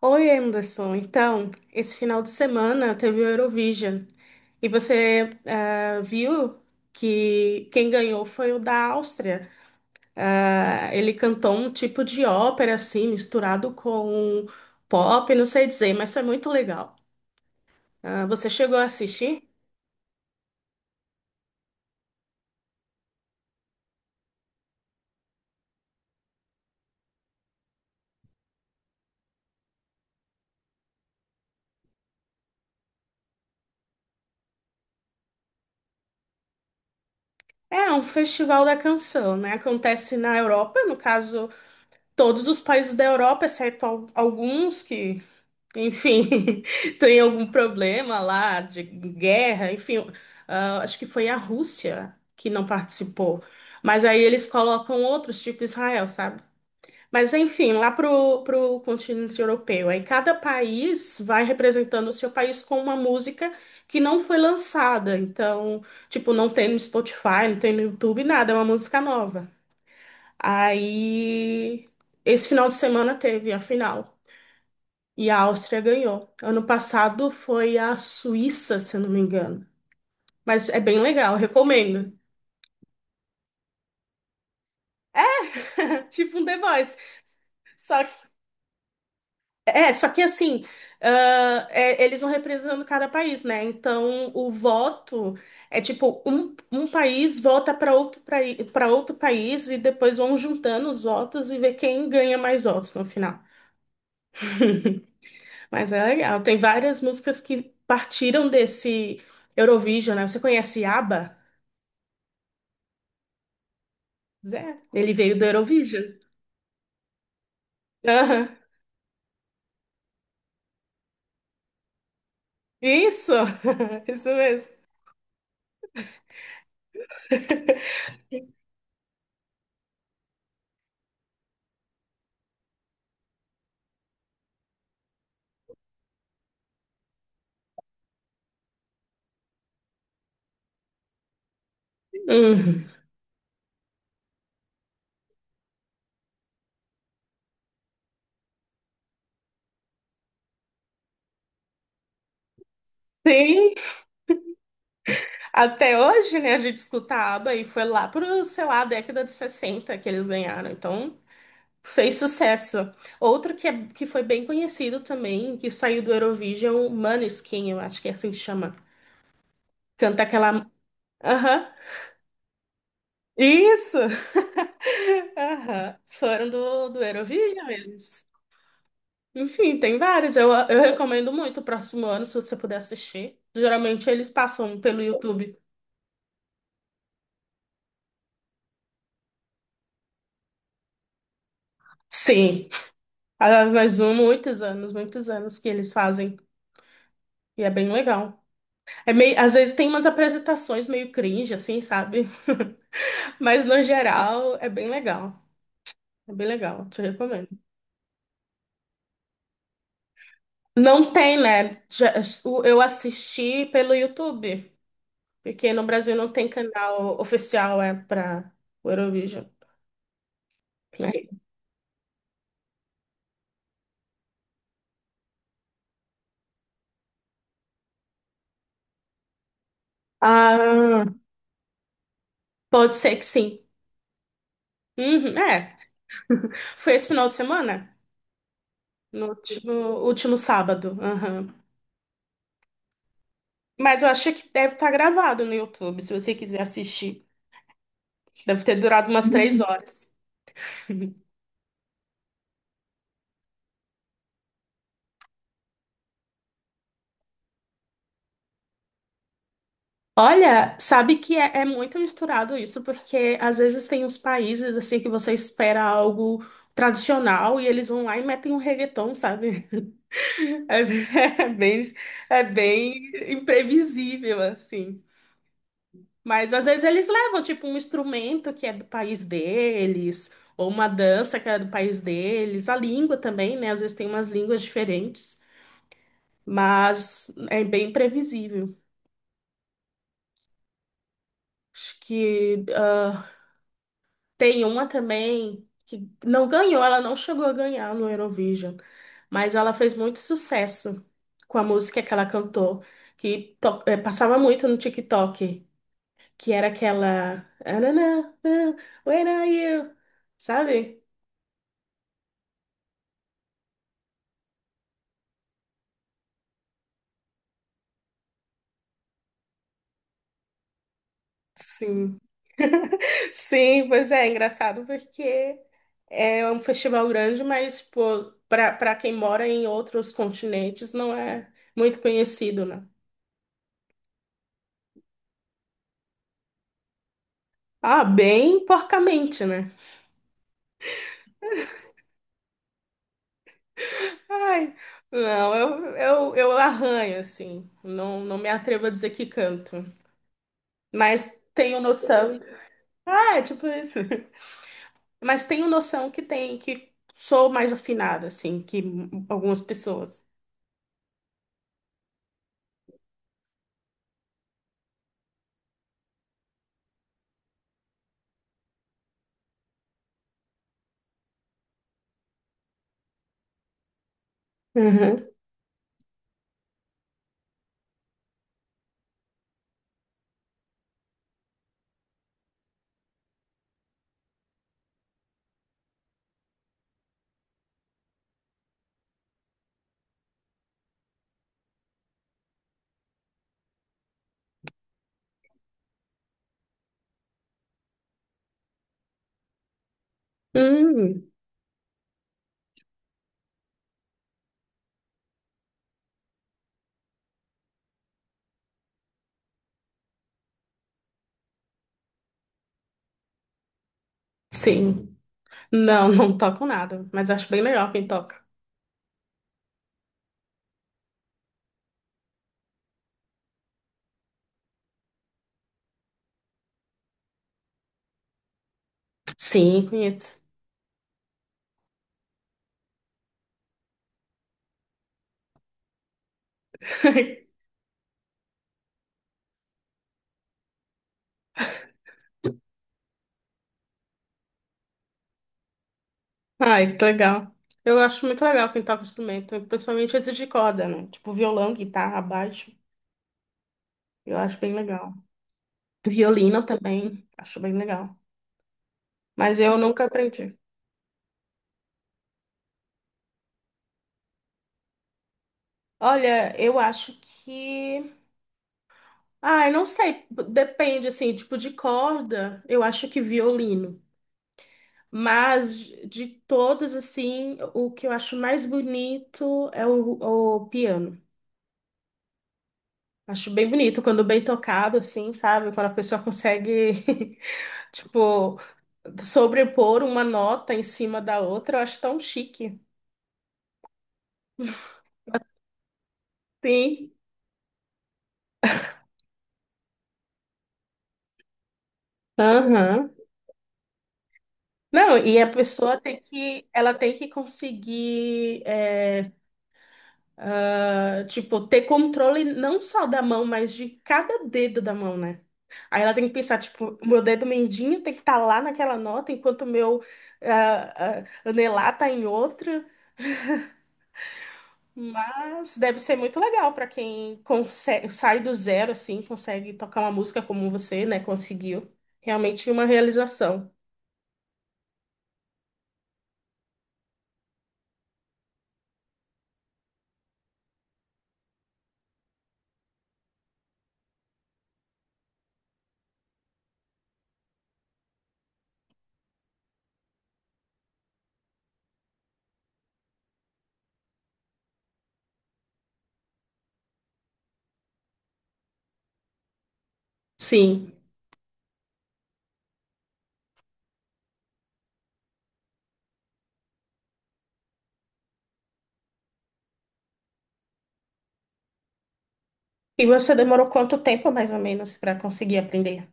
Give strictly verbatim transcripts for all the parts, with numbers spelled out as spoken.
Oi, Anderson. Então, esse final de semana teve o Eurovision. E você ah, viu que quem ganhou foi o da Áustria. Ah, ele cantou um tipo de ópera, assim, misturado com pop, não sei dizer, mas foi muito legal. Ah, você chegou a assistir? É um festival da canção, né? Acontece na Europa, no caso, todos os países da Europa, exceto al- alguns que enfim, tem algum problema lá de guerra, enfim, ah, acho que foi a Rússia que não participou. Mas aí eles colocam outros, tipo Israel, sabe? Mas enfim, lá pro, pro continente europeu. Aí cada país vai representando o seu país com uma música que não foi lançada. Então, tipo, não tem no Spotify, não tem no YouTube, nada, é uma música nova. Aí, esse final de semana teve a final. E a Áustria ganhou. Ano passado foi a Suíça, se eu não me engano. Mas é bem legal, recomendo. Tipo um The Voice. Só que, é, só que assim, ah, é, eles vão representando cada país, né? Então, o voto é tipo, um, um país vota para outro, para outro país e depois vão juntando os votos e ver quem ganha mais votos no final. Mas é legal. Tem várias músicas que partiram desse Eurovision, né? Você conhece ABBA? Zé, ele veio do Eurovision. Aham. Isso, isso mesmo. Uhum. Sim, até hoje, né, a gente escutava e foi lá pro, sei lá, década de sessenta que eles ganharam. Então, fez sucesso. Outro que, é- que foi bem conhecido também, que saiu do Eurovision, Måneskin, eu acho que é assim que chama. Canta aquela... Aham, isso! Aham, foram do, do Eurovision eles. Enfim, tem vários. Eu, eu recomendo muito o próximo ano, se você puder assistir. Geralmente eles passam pelo YouTube. Sim. Ah, mas um, muitos anos, muitos anos que eles fazem. E é bem legal. É meio, às vezes tem umas apresentações meio cringe, assim, sabe? Mas no geral é bem legal. É bem legal, te recomendo. Não tem, né? Já- o- Eu assisti pelo YouTube, porque no Brasil não tem canal oficial é para o Eurovision, né? Ah, pode ser que sim. Uhum, é, foi esse final de semana? No último, último sábado. Aham. Mas eu achei que deve estar gravado no YouTube, se você quiser assistir. Deve ter durado umas três horas. Olha, sabe que é, é muito misturado isso, porque às vezes tem uns países assim que você espera algo tradicional e eles vão lá e metem um reggaeton, sabe? É, bem, é bem é bem imprevisível, assim. Mas às vezes eles levam, tipo, um instrumento que é do país deles, ou uma dança que é do país deles, a língua também, né? Às vezes tem umas línguas diferentes, mas é bem previsível. Acho que ah, tem uma também que não ganhou, ela não chegou a ganhar no Eurovision, mas ela fez muito sucesso com a música que ela cantou, que to- eh, passava muito no TikTok, que era aquela. "Ah, na, na, na, when are you?" Sabe? Sim. Sim, pois é, é engraçado porque é um festival grande, mas para para quem mora em outros continentes não é muito conhecido, né? Ah, bem porcamente, né? Ai, não, eu, eu, eu arranho, assim. Não, não me atrevo a dizer que canto. Mas tenho noção. Ah, é tipo isso. Mas tenho noção que tem, que sou mais afinada, assim, que algumas pessoas. Uhum. Hum, sim. Não, não toco nada, mas acho bem legal quem toca. Sim, conheço. Ai, que legal. Eu acho muito legal quem toca instrumento, principalmente esse de corda, né? Tipo violão, guitarra, baixo. Eu acho bem legal. Violino também, acho bem legal. Mas eu nunca aprendi. Olha, eu acho que. Ai, não sei, depende, assim, tipo de corda, eu acho que violino. Mas de de todas, assim, o que eu acho mais bonito é o o piano. Acho bem bonito quando bem tocado, assim, sabe? Quando a pessoa consegue, tipo, sobrepor uma nota em cima da outra, eu acho tão chique. Sim. Aham. Não, e a pessoa tem que, ela tem que conseguir, é, ah, tipo, ter controle não só da mão, mas de cada dedo da mão, né? Aí ela tem que pensar, tipo, o meu dedo mindinho tem que estar lá naquela nota, enquanto o meu ah, ah, anelar tá em outra. Mas deve ser muito legal para quem consegue, sai do zero assim, consegue tocar uma música como você, né? Conseguiu. Realmente uma realização. Sim. E você demorou quanto tempo, mais ou menos, para conseguir aprender?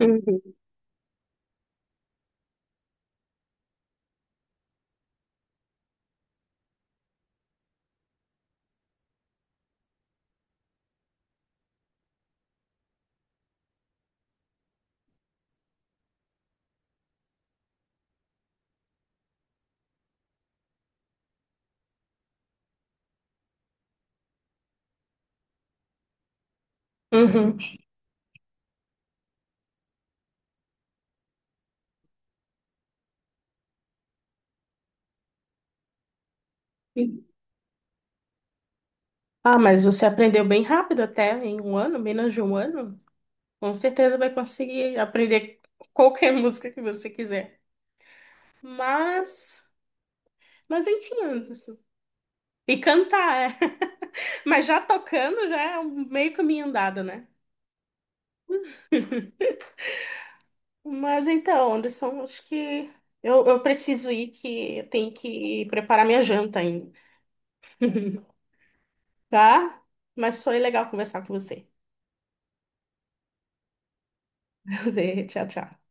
Uhum. Uhum. Ah, mas você aprendeu bem rápido até, em um ano, menos de um ano. Com certeza vai conseguir aprender qualquer música que você quiser. Mas, mas enfim, Anderson. E cantar, é. Mas já tocando já é um meio caminho andado, né? Mas então, Anderson, acho que eu, eu preciso ir, que eu tenho que preparar minha janta ainda, tá? Mas foi legal conversar com você. Tchau, tchau.